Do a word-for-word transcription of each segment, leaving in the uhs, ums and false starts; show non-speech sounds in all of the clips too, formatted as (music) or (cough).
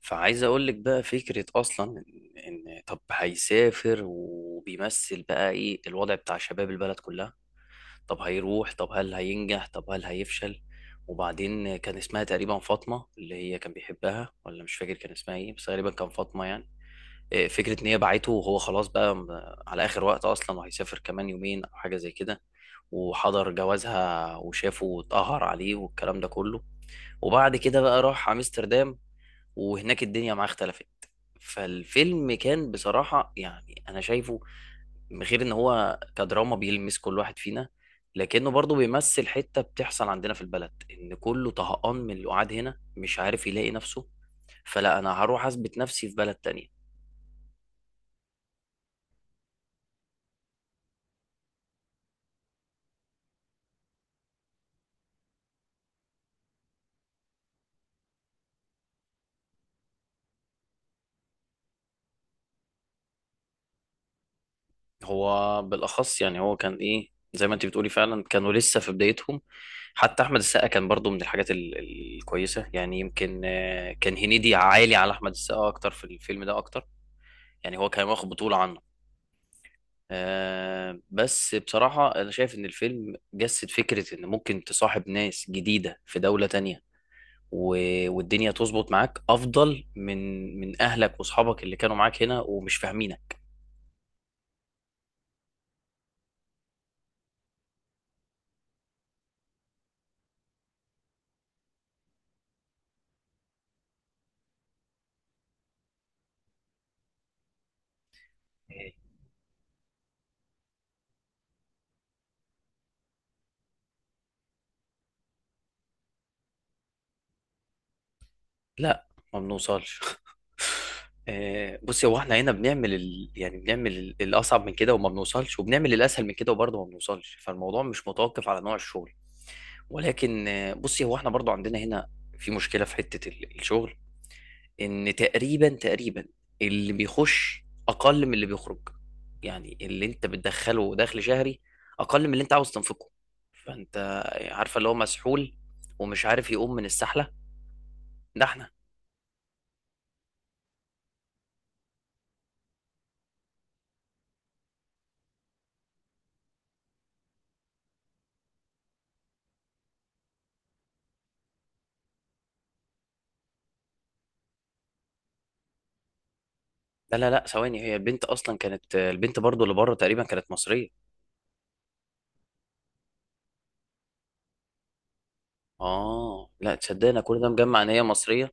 فعايز اقول لك بقى فكره اصلا ان إن طب هيسافر وبيمثل بقى ايه الوضع بتاع شباب البلد كلها. طب هيروح، طب هل هينجح، طب هل هيفشل. وبعدين كان اسمها تقريبا فاطمه اللي هي كان بيحبها، ولا مش فاكر كان اسمها ايه، بس تقريبا كان فاطمه. يعني إيه، فكره ان هي باعته وهو خلاص بقى م- على اخر وقت اصلا، وهيسافر كمان يومين او حاجه زي كده، وحضر جوازها وشافه واتقهر عليه والكلام ده كله. وبعد كده بقى راح امستردام، وهناك الدنيا معاه اختلفت. فالفيلم كان بصراحة، يعني أنا شايفه، من غير إن هو كدراما بيلمس كل واحد فينا، لكنه برضه بيمثل حتة بتحصل عندنا في البلد، إن كله طهقان من اللي قاعد هنا مش عارف يلاقي نفسه، فلا أنا هروح أثبت نفسي في بلد تانية. هو بالأخص يعني هو كان إيه، زي ما أنت بتقولي فعلا كانوا لسه في بدايتهم. حتى أحمد السقا كان برضه من الحاجات ال- الكويسة، يعني يمكن آه، كان هنيدي عالي على أحمد السقا أكتر في الفيلم ده أكتر، يعني هو كان واخد بطولة عنه. آه بس بصراحة أنا شايف إن الفيلم جسد فكرة إن ممكن تصاحب ناس جديدة في دولة تانية، و- والدنيا تظبط معاك أفضل من من أهلك وأصحابك اللي كانوا معاك هنا ومش فاهمينك. لا، ما بنوصلش (laughs) آه، بصي، هو احنا هنا بنعمل ال... يعني بنعمل ال- الاصعب من كده وما بنوصلش، وبنعمل الاسهل من كده وبرضه ما بنوصلش، فالموضوع مش متوقف على نوع الشغل. ولكن آه، بصي، هو احنا برضه عندنا هنا في مشكله في حته ال- الشغل، ان تقريبا تقريبا اللي بيخش اقل من اللي بيخرج. يعني اللي انت بتدخله دخل شهري اقل من اللي انت عاوز تنفقه، فانت عارفه اللي هو مسحول ومش عارف يقوم من السحله، ده احنا. لا لا لا، ثواني، هي البنت اصلا كانت البنت برضو اللي بره تقريبا كانت مصريه. اه لا تصدقنا، كل ده مجمع ان هي مصريه.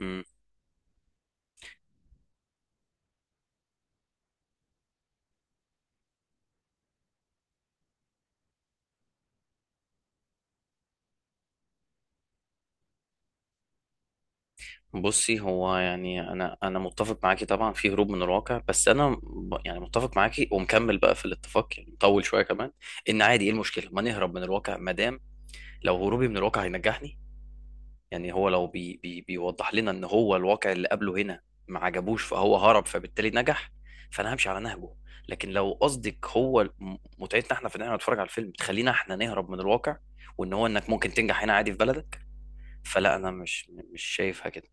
امم. بصي، هو يعني انا انا متفق معاكي طبعا في هروب من الواقع، بس انا ب- يعني متفق معاكي ومكمل بقى في الاتفاق، يعني مطول شويه كمان. ان عادي ايه المشكله ما نهرب من الواقع، ما دام لو هروبي من الواقع هينجحني. يعني هو لو بي بي بيوضح لنا ان هو الواقع اللي قبله هنا ما عجبوش، فهو هرب فبالتالي نجح، فانا همشي على نهجه. لكن لو قصدك هو م- متعتنا احنا في ان احنا نتفرج على الفيلم تخلينا احنا نهرب من الواقع، وان هو انك ممكن تنجح هنا عادي في بلدك، فلا انا مش مش شايفها كده.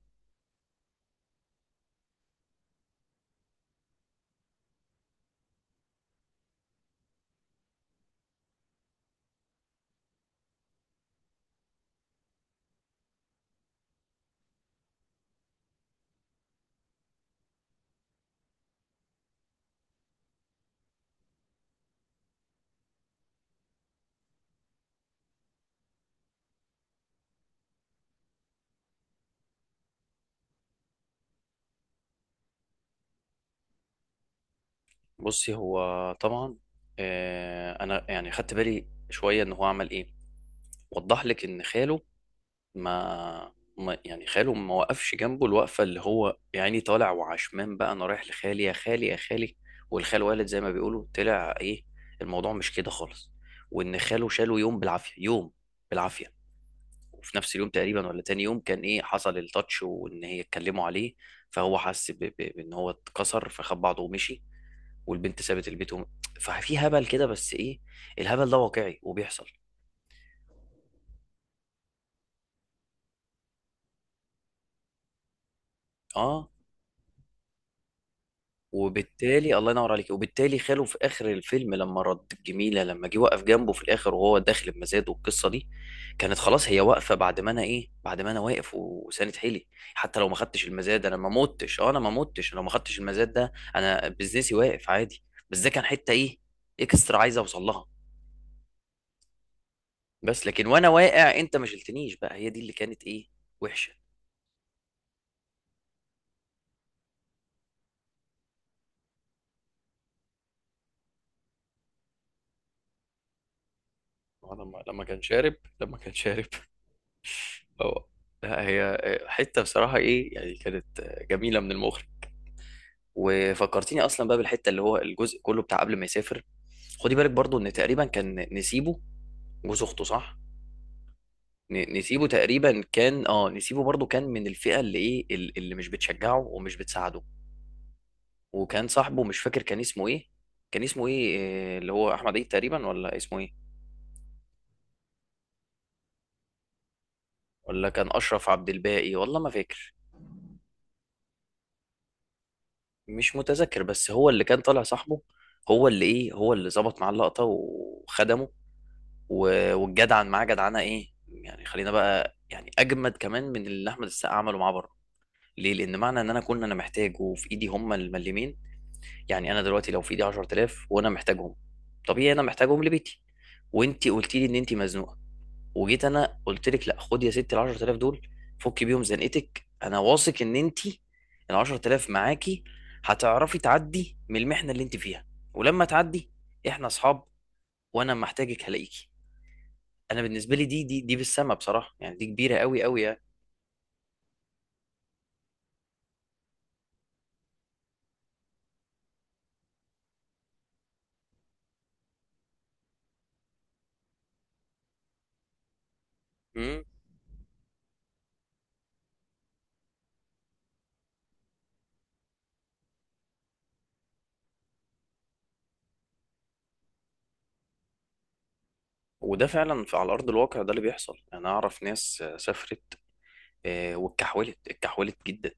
بصي هو طبعا، آه، انا يعني خدت بالي شويه ان هو عمل ايه، وضح لك ان خاله ما, ما يعني خاله ما وقفش جنبه الوقفه، اللي هو يعني طالع وعشمان بقى انا رايح لخالي يا خالي يا خالي، والخال والد زي ما بيقولوا، طلع ايه، الموضوع مش كده خالص. وان خاله شاله يوم بالعافيه يوم بالعافيه، وفي نفس اليوم تقريبا ولا تاني يوم كان ايه، حصل التاتش وان هي اتكلموا عليه. فهو حس ب- ب- بان هو اتكسر فخد بعضه ومشي، والبنت سابت البيت وم... ففي هبل كده، بس ايه، الهبل ده واقعي وبيحصل. اه. وبالتالي الله ينور عليك، وبالتالي خاله في اخر الفيلم لما رد الجميله، لما جه وقف جنبه في الاخر وهو داخل بمزاد والقصه دي، كانت خلاص هي واقفه بعد ما انا ايه، بعد ما انا واقف وساند حيلي. حتى لو ما خدتش المزاد انا ما متش، اه انا ما متش، لو ما خدتش المزاد ده انا بزنسي واقف عادي. بس ده كان حته ايه، اكسترا عايز اوصل لها. بس لكن وانا واقع انت ما شلتنيش، بقى هي دي اللي كانت ايه، وحشه. هو لما لما كان شارب، لما كان شارب. (laughs) اه. لا، هي حته بصراحه ايه يعني، كانت جميله من المخرج. وفكرتيني اصلا بقى بالحته اللي هو الجزء كله بتاع قبل ما يسافر. خدي بالك برضو ان تقريبا كان نسيبه، جوز اخته صح، ن- نسيبه تقريبا كان، اه نسيبه برضو كان من الفئه اللي ايه ال- اللي مش بتشجعه ومش بتساعده. وكان صاحبه مش فاكر كان اسمه ايه، كان اسمه ايه، آه، اللي هو احمد عيد تقريبا ولا اسمه ايه، ولا كان اشرف عبد الباقي، والله ما فاكر. مش متذكر، بس هو اللي كان طالع صاحبه، هو اللي ايه هو اللي ظبط معاه اللقطه وخدمه، و- والجدعن معاه جدعنه ايه يعني، خلينا بقى يعني اجمد كمان من اللي احمد السقا عمله معاه بره. ليه؟ لان معنى ان انا كنت انا محتاج وفي ايدي هم المليمين، يعني انا دلوقتي لو في ايدي عشرة آلاف وانا محتاجهم، طبيعي انا محتاجهم لبيتي، وانت قلتي لي ان انت مزنوقه، وجيت انا قلت لك لا خد يا ستي ال عشرة آلاف دول فكي بيهم زنقتك، انا واثق ان انت ال عشرة آلاف معاكي هتعرفي تعدي من المحنه اللي انت فيها، ولما تعدي، احنا اصحاب، وانا لما احتاجك هلاقيكي. انا بالنسبه لي دي دي دي بالسما بصراحه يعني، دي كبيره قوي قوي. يعني مم. وده فعلا في على ارض الواقع، ده اللي بيحصل. انا اعرف ناس سافرت، آه، واتكحولت اتكحولت جدا،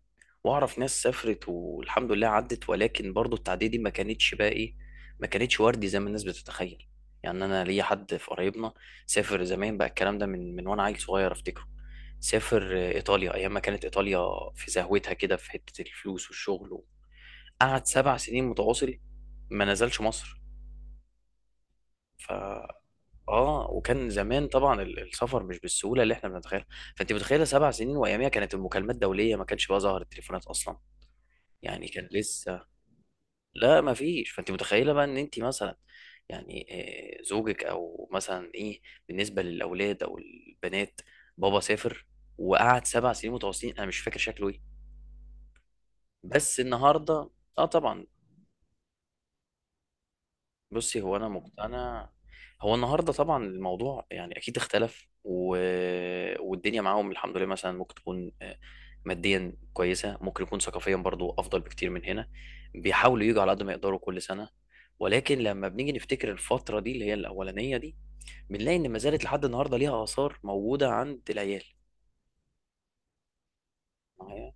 واعرف ناس سافرت والحمد لله عدت، ولكن برضو التعدية دي ما كانتش بقى ايه، ما كانتش وردي زي ما الناس بتتخيل. يعني انا ليا حد في قرايبنا، سافر زمان بقى الكلام ده من من وانا عيل صغير افتكره، سافر آه، ايطاليا، ايام ما كانت ايطاليا في زهوتها كده في حتة الفلوس والشغل. قعد سبع سنين متواصل ما نزلش مصر. ف اه وكان زمان طبعا ال- السفر مش بالسهوله اللي احنا بنتخيلها، فانت متخيله سبع سنين، واياميها كانت المكالمات دوليه، ما كانش بقى ظهر التليفونات اصلا، يعني كان لسه. لا ما فيش، فانت متخيله بقى ان انت مثلا يعني، آه، زوجك او مثلا ايه، بالنسبه للاولاد او البنات، بابا سافر وقعد سبع سنين متواصلين، انا مش فاكر شكله ايه. بس النهارده، اه طبعا. بصي، هو انا مقتنع. هو النهارده طبعا الموضوع يعني اكيد اختلف و... والدنيا معاهم الحمد لله، مثلا ممكن تكون آه، ماديا كويسه، ممكن يكون ثقافيا برضو افضل بكتير من هنا، بيحاولوا يجوا على قد ما يقدروا كل سنه. ولكن لما بنيجي نفتكر الفتره دي اللي هي الاولانيه دي، بنلاقي ان ما زالت لحد النهارده ليها اثار موجوده عند العيال. معايا.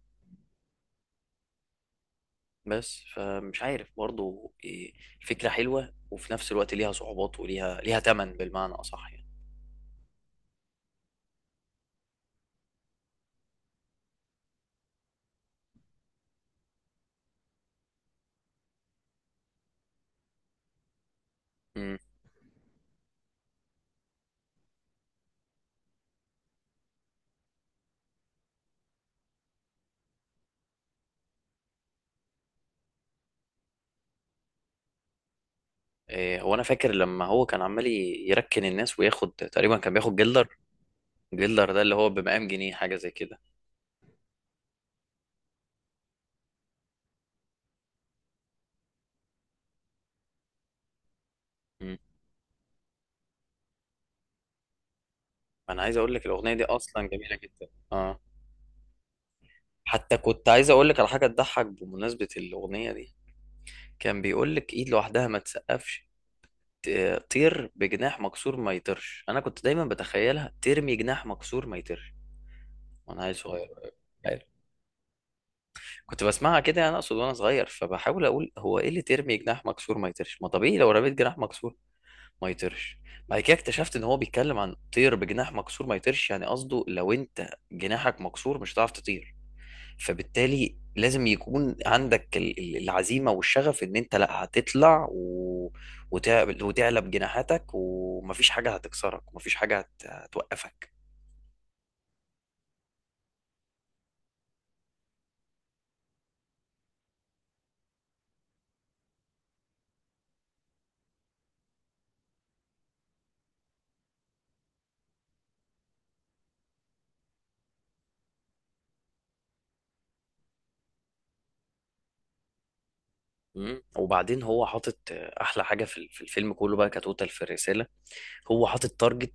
بس فمش عارف برضو إيه، الفكره حلوه وفي نفس الوقت ليها صعوبات، وليها ليها ثمن بالمعنى اصح يعني. إمم. إيه، هو انا فاكر لما هو كان عمال ي- يركن الناس وياخد تقريبا كان بياخد جلدر، جلدر ده اللي هو بمقام جنيه حاجه زي كده. مم. انا عايز اقول لك الاغنيه دي اصلا جميله جدا، اه. حتى كنت عايز اقول لك على حاجه تضحك بمناسبه الاغنيه دي، كان بيقول لك ايد لوحدها ما تسقفش، ت- طير بجناح مكسور ما يطيرش، انا كنت دايما بتخيلها ترمي جناح مكسور ما يطيرش، وانا عيل صغير كنت بسمعها كده، انا اقصد وانا صغير فبحاول اقول هو ايه اللي ترمي جناح مكسور ما يطيرش، ما طبيعي لو رميت جناح مكسور ما يطيرش. بعد كده اكتشفت ان هو بيتكلم عن طير بجناح مكسور ما يطيرش، يعني قصده لو انت جناحك مكسور مش هتعرف تطير، فبالتالي لازم يكون عندك ال- ال- العزيمة والشغف ان انت لا هتطلع و... وتعب- وتعلب جناحاتك، ومفيش حاجة هتكسرك ومفيش حاجة هت... هتوقفك. مم. وبعدين هو حاطط آه، احلى حاجة في ال- في الفيلم كله بقى كتوتال في الرسالة، هو حاطط تارجت.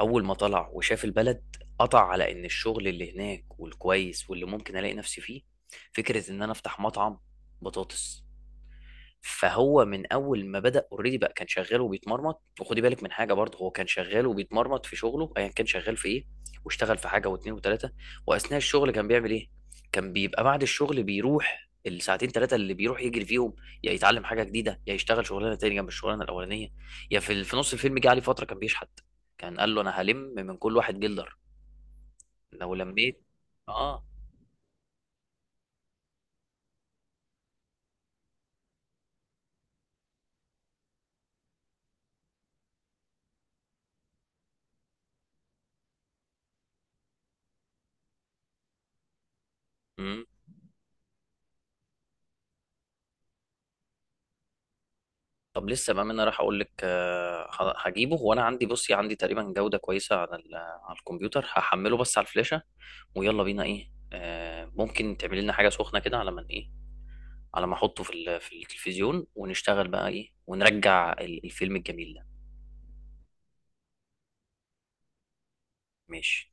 أول ما طلع وشاف البلد قطع على إن الشغل اللي هناك والكويس واللي ممكن ألاقي نفسي فيه فكرة إن أنا أفتح مطعم بطاطس. فهو من اول ما بدأ اوريدي بقى كان شغال وبيتمرمط، وخدي بالك من حاجه برضه، هو كان شغال وبيتمرمط في شغله ايا كان شغال في ايه، واشتغل في حاجه واثنين وثلاثه. واثناء الشغل كان بيعمل ايه، كان بيبقى بعد الشغل بيروح الساعتين ثلاثه اللي بيروح يجري فيهم، يا يتعلم حاجه جديده، يا يشتغل شغلانه تانية جنب الشغلانه الاولانيه، يا في في نص الفيلم جه عليه فتره كان بيشحت، كان قال له انا هلم من كل واحد جلدر لو لميت. اه طب لسه بقى، ما انا راح اقول لك آه، ه- هجيبه وانا عندي، بصي عندي تقريبا جودة كويسة على ال- على الكمبيوتر هحمله بس على الفلاشة. ويلا بينا ايه، آه، ممكن تعملي لنا حاجة سخنة كده على ما ايه، على ما احطه في ال- في التلفزيون ونشتغل بقى ايه ونرجع ال- الفيلم الجميل ده. ماشي.